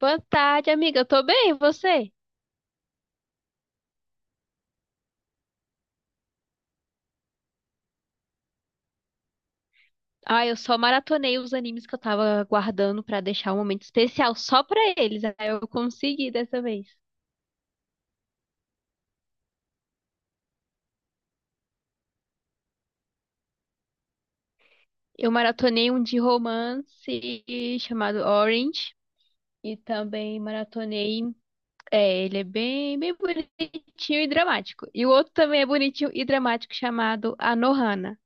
Boa tarde, amiga. Eu tô bem, e você? Ah, eu só maratonei os animes que eu tava guardando pra deixar um momento especial só pra eles. Aí eu consegui dessa vez. Eu maratonei um de romance chamado Orange e também maratonei. É, ele é bem, bem bonitinho e dramático. E o outro também é bonitinho e dramático chamado Anohana.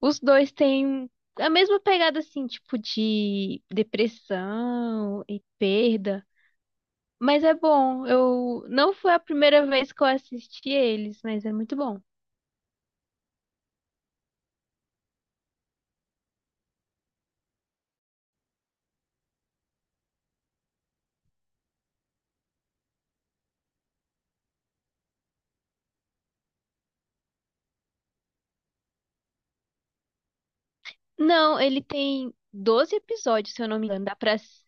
Os dois têm a mesma pegada, assim, tipo de depressão e perda. Mas é bom. Eu não foi a primeira vez que eu assisti eles, mas é muito bom. Não, ele tem 12 episódios, se eu não me engano. Dá pra.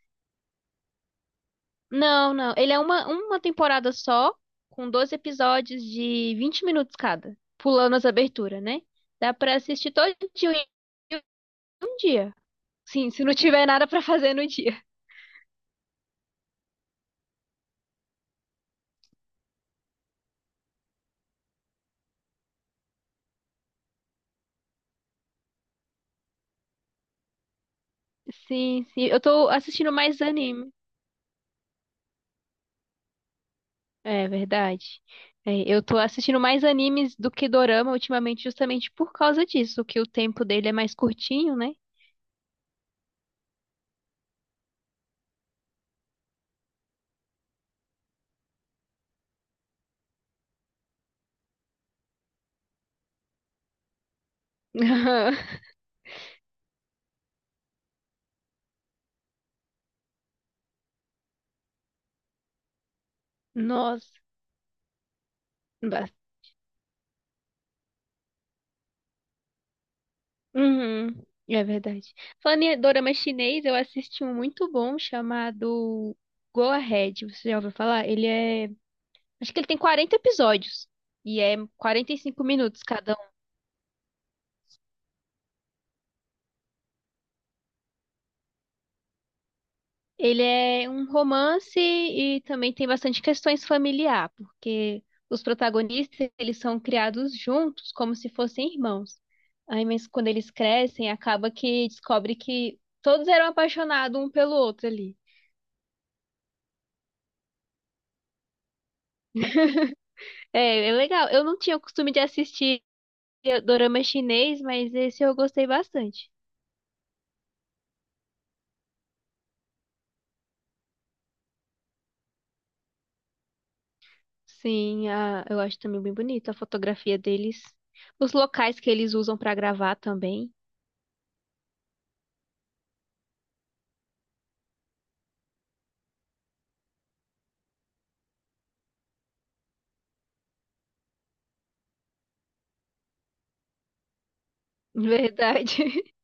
Não, não. Ele é uma temporada só, com 12 episódios de 20 minutos cada, pulando as aberturas, né? Dá pra assistir todo dia em um dia. Sim, se não tiver nada pra fazer no dia. Sim, sim. Eu tô assistindo mais anime. É verdade. É, eu tô assistindo mais animes do que dorama ultimamente, justamente por causa disso, que o tempo dele é mais curtinho, né? Nossa. Ba- Uhum, é verdade. Falando em dorama chinês, eu assisti um muito bom chamado Go Ahead. Você já ouviu falar? Ele é. Acho que ele tem 40 episódios. E é 45 minutos cada. Ele é um romance e também tem bastante questões familiar, porque os protagonistas, eles são criados juntos, como se fossem irmãos. Aí, mas quando eles crescem, acaba que descobre que todos eram apaixonados um pelo outro ali. É, é legal. Eu não tinha o costume de assistir dorama chinês, mas esse eu gostei bastante. Sim, eu acho também bem bonito a fotografia deles. Os locais que eles usam para gravar também. Verdade.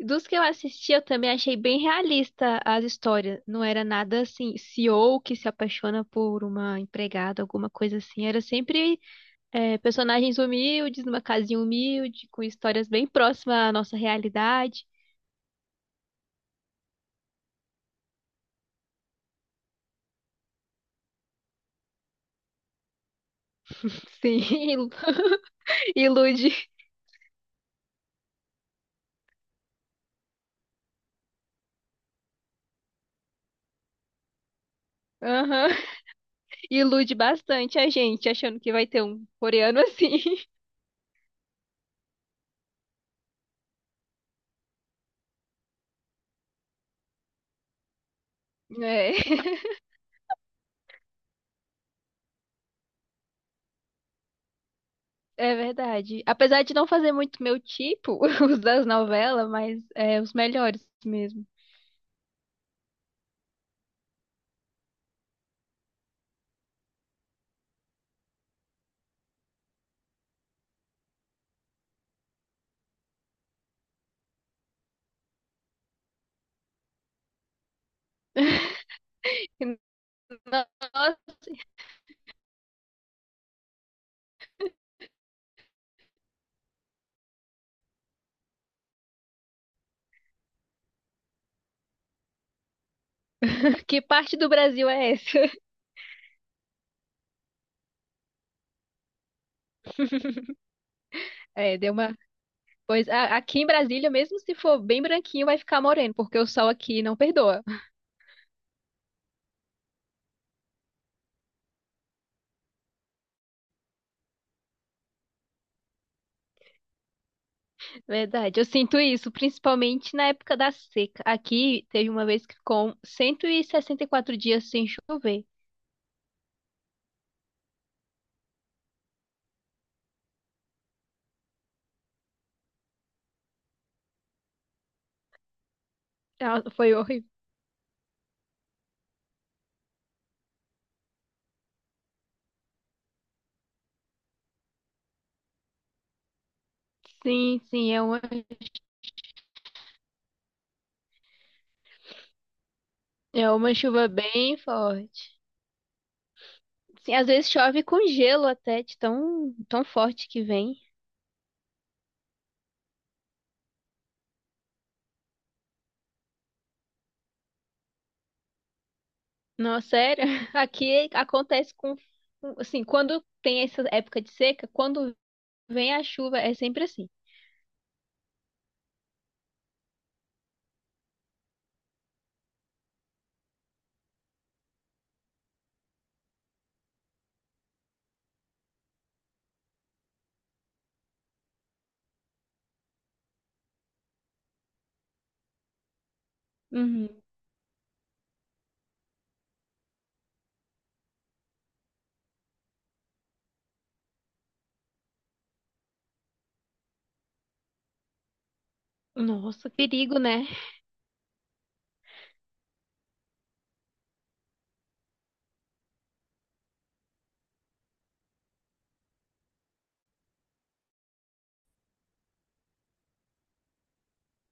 Dos que eu assisti, eu também achei bem realista as histórias. Não era nada assim, CEO que se apaixona por uma empregada, alguma coisa assim. Era sempre é, personagens humildes, numa casinha humilde, com histórias bem próximas à nossa realidade. Sim, ilu- ilude. Aham. Ilude bastante a gente, achando que vai ter um coreano assim. É. É verdade. Apesar de não fazer muito meu tipo, os das novelas, mas é os melhores mesmo. Nossa, que parte do Brasil é essa? É, deu uma. Pois aqui em Brasília, mesmo se for bem branquinho, vai ficar moreno, porque o sol aqui não perdoa. Verdade, eu sinto isso, principalmente na época da seca. Aqui teve uma vez que ficou 164 dias sem chover. Ah, foi horrível. Sim, sim, é uma chuva bem forte. Sim, às vezes chove com gelo até, de tão, tão forte que vem. Não, sério. Aqui acontece com, assim, quando tem essa época de seca, quando vem a chuva, é sempre assim. Uhum. Nossa, perigo, né?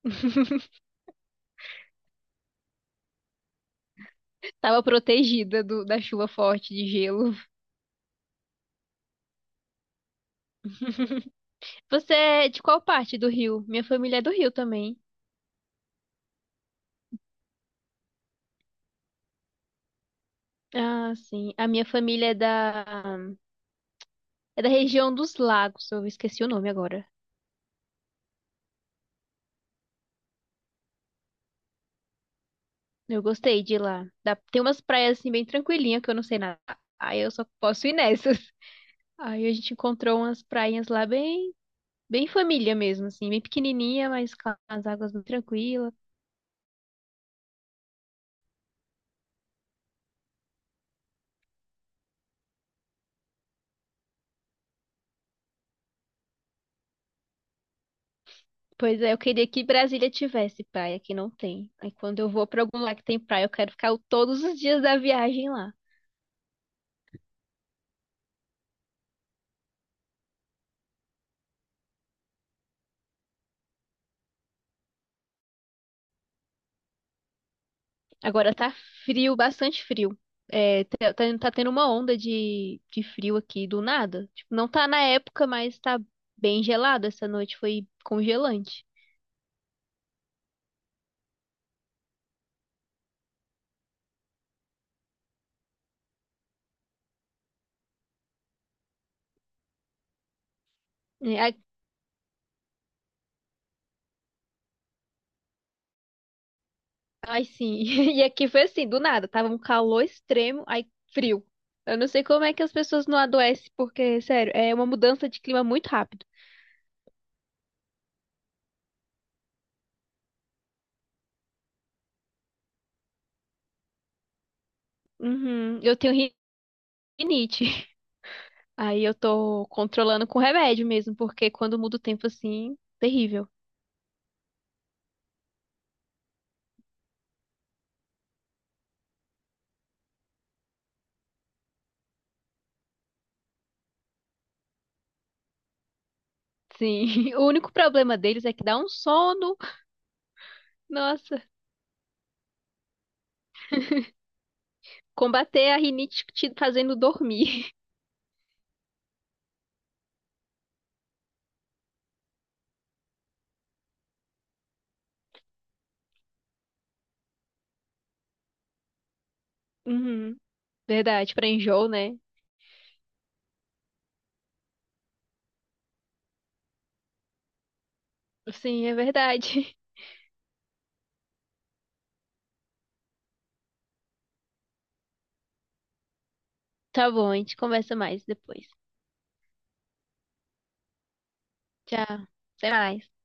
Tava protegida do, da chuva forte de gelo. Você é de qual parte do Rio? Minha família é do Rio também. Ah, sim. A minha família é é da região dos Lagos. Eu esqueci o nome agora. Eu gostei de ir lá. Tem umas praias assim bem tranquilinha que eu não sei nada. Aí eu só posso ir nessas. Aí a gente encontrou umas prainhas lá bem, bem família mesmo, assim, bem pequenininha, mas com as águas bem tranquilas. Pois é, eu queria que Brasília tivesse praia, que não tem. Aí quando eu vou pra algum lugar que tem praia, eu quero ficar todos os dias da viagem lá. Agora tá frio, bastante frio. É, tá, tá tendo uma onda de frio aqui do nada. Tipo, não tá na época, mas tá bem gelado. Essa noite foi congelante. É, ai, sim. E aqui foi assim, do nada. Tava um calor extremo, aí frio. Eu não sei como é que as pessoas não adoecem, porque, sério, é uma mudança de clima muito rápido. Uhum, eu tenho rinite. Aí eu tô controlando com remédio mesmo, porque quando muda o tempo assim, terrível. Sim, o único problema deles é que dá um sono. Nossa, combater a rinite te fazendo dormir. Uhum, verdade, pra enjoo, né? Sim, é verdade. Tá bom, a gente conversa mais depois. Tchau, até mais.